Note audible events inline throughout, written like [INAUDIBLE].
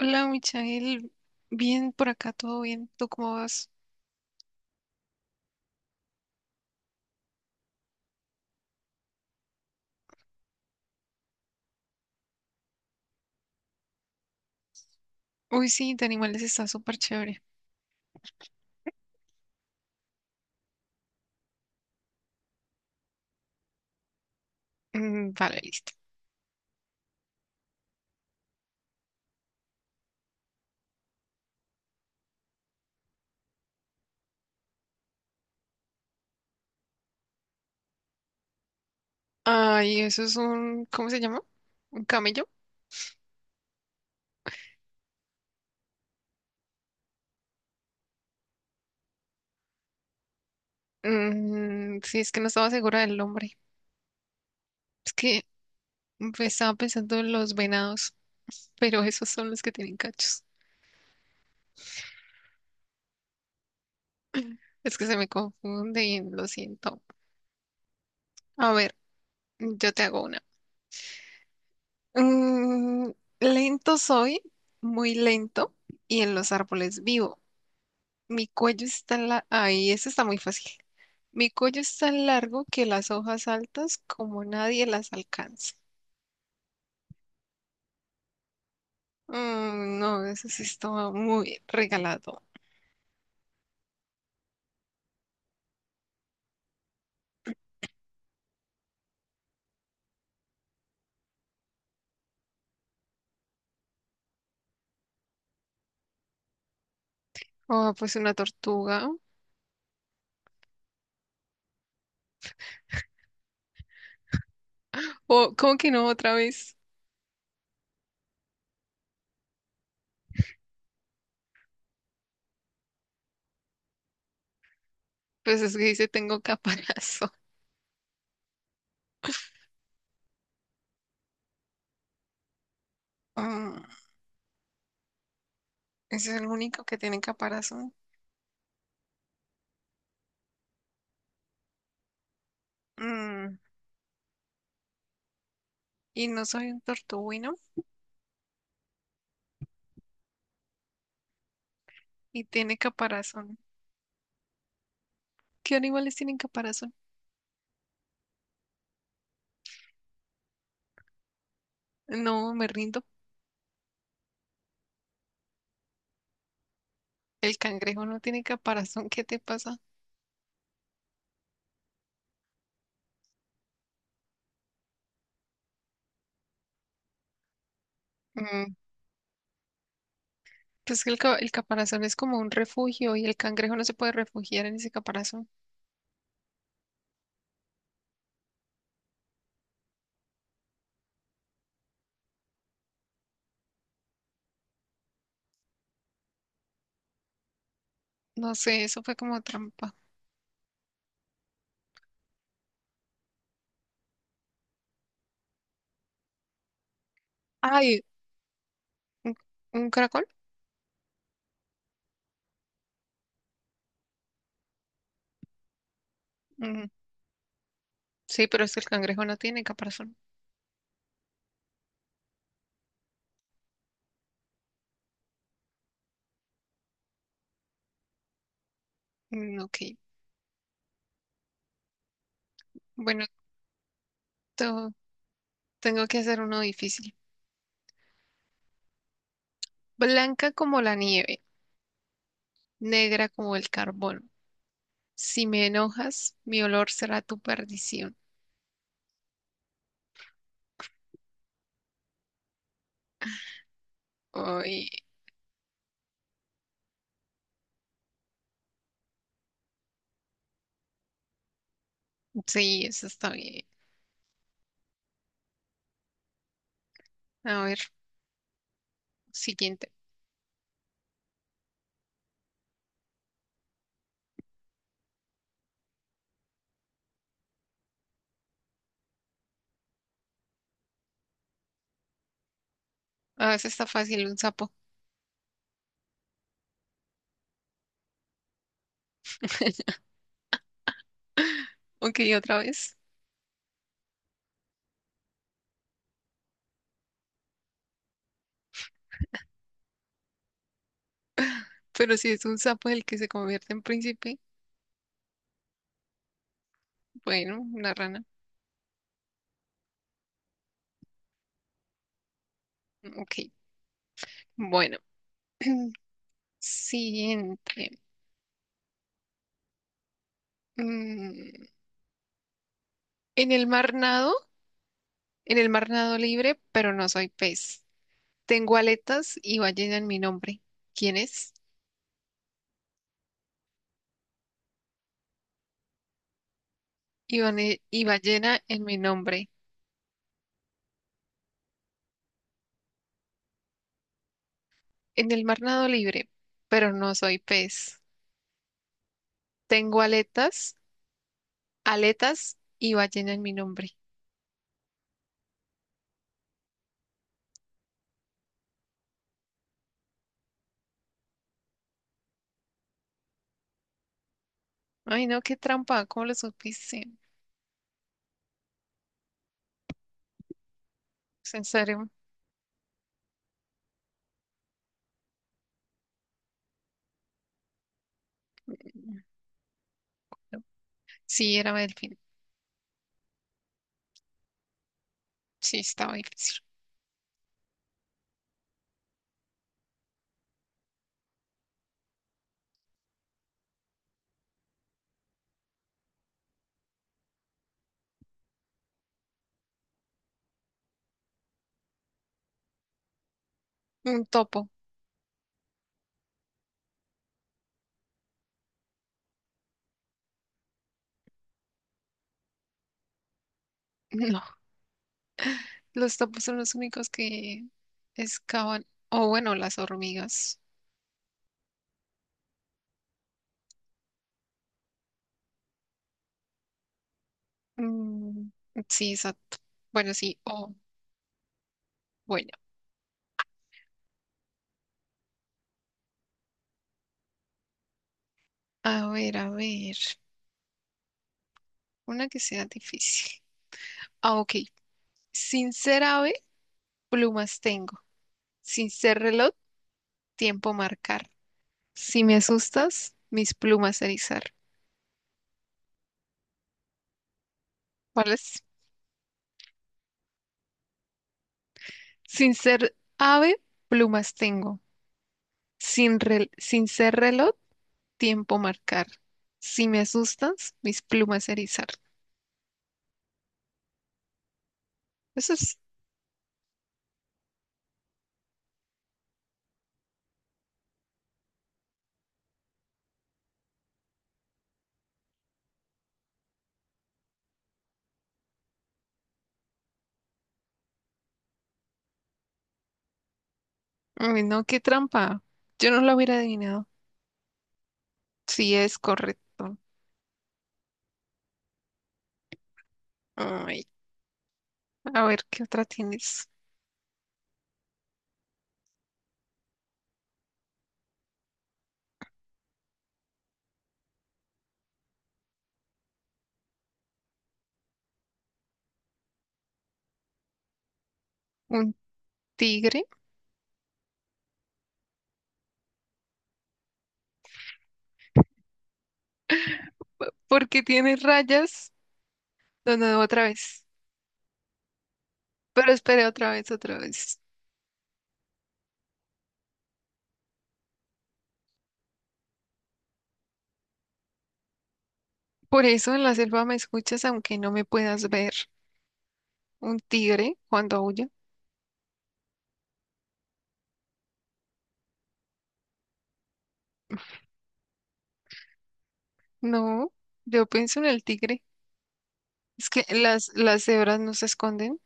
Hola, Michael. Bien por acá, todo bien. ¿Tú cómo vas? Uy, sí, de animales está súper chévere. Mm, vale, listo. Ay, eso es un, ¿cómo se llama? ¿Un camello? Mm, sí, es que no estaba segura del nombre. Es que estaba pensando en los venados, [LAUGHS] pero esos son los que tienen cachos. Es que se me confunde y lo siento. A ver, yo te hago una. Mm, Lento soy, muy lento, y en los árboles vivo. Mi cuello es tan largo. Ay, eso está muy fácil. Mi cuello es tan largo que las hojas altas como nadie las alcanza. Mm, no, eso sí estaba muy regalado. Oh, pues una tortuga. Oh, ¿cómo que no otra vez? Pues es que dice tengo caparazón. [LAUGHS] Mm, Ese es el único que tiene caparazón. Mm, y no soy un tortuguino y tiene caparazón. ¿Qué animales tienen caparazón? No, me rindo. El cangrejo no tiene caparazón. ¿Qué te pasa? Mm, Pues que el caparazón es como un refugio y el cangrejo no se puede refugiar en ese caparazón. No sé, eso fue como trampa. Ay, ¿un, un caracol? Mm, sí, pero es que el cangrejo no tiene caparazón. Mm, ok, bueno, to- tengo que hacer uno difícil. Blanca como la nieve, negra como el carbón. Si me enojas, mi olor será tu perdición. Ay, sí, eso está bien. A ver, siguiente. Ah, eso está fácil, un sapo. [LAUGHS] Ok, otra vez. Pero si es un sapo el que se convierte en príncipe, bueno, una rana. Ok, bueno. [CLEARS THROAT] Siguiente. Mm, en el mar nado, en el mar nado libre, pero no soy pez. Tengo aletas y ballena en mi nombre. ¿Quién es? Y ballena en mi nombre. En el mar nado libre, pero no soy pez. Tengo aletas, Aletas y ballena en mi nombre. Ay, no, qué trampa, ¿cómo lo supiste? ¿Es ¿En serio? No. no, sí, era delfín. Sí, estaba difícil. Un topo. [LAUGHS] No, los topos son los únicos que excavan. O bueno, las hormigas. Mm, sí, exacto. Bueno, sí, o bueno. A ver, a ver. Una que sea difícil. Ah, ok. Sin ser ave, plumas tengo. Sin ser reloj, tiempo marcar. Si me asustas, mis plumas erizar. ¿Cuál es? Sin ser ave, plumas tengo. Sin ser reloj. Tiempo marcar. Si me asustas, mis plumas erizar. Eso es, ay, no, qué trampa. Yo no lo hubiera adivinado. Sí, es correcto. Ay, a ver, ¿qué otra tienes? ¿Un tigre? Porque tiene rayas. No, no, no, otra vez. Pero espere otra vez, otra vez. Por eso en la selva me escuchas aunque no me puedas ver. ¿Un tigre cuando aúlla? No, yo pienso en el tigre. Es que las cebras no se esconden.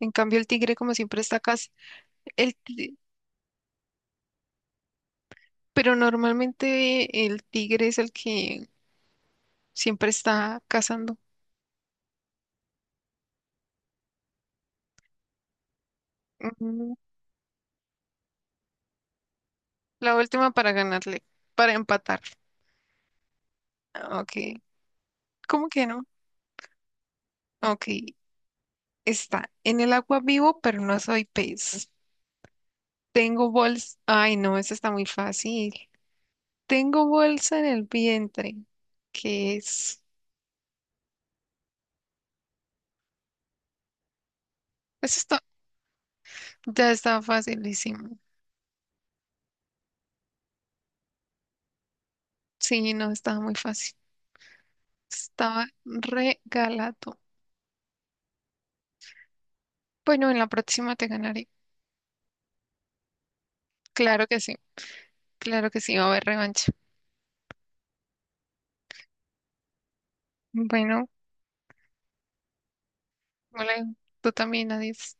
En cambio, el tigre, como siempre, está acá. El ti- pero normalmente el tigre es el que siempre está cazando. Mm, la última para ganarle, para empatar. Ah, ok, ¿cómo que no? Ok, está en el agua vivo, pero no soy pez. Tengo bolsa. Ay, no, esa está muy fácil. Tengo bolsa en el vientre. ¿Qué es? Eso está, ya estaba facilísimo. Sí, no, estaba muy fácil. Estaba regalado. Bueno, en la próxima te ganaré. Claro que sí, claro que sí, va a haber revancha. Bueno, hola, tú también, adiós.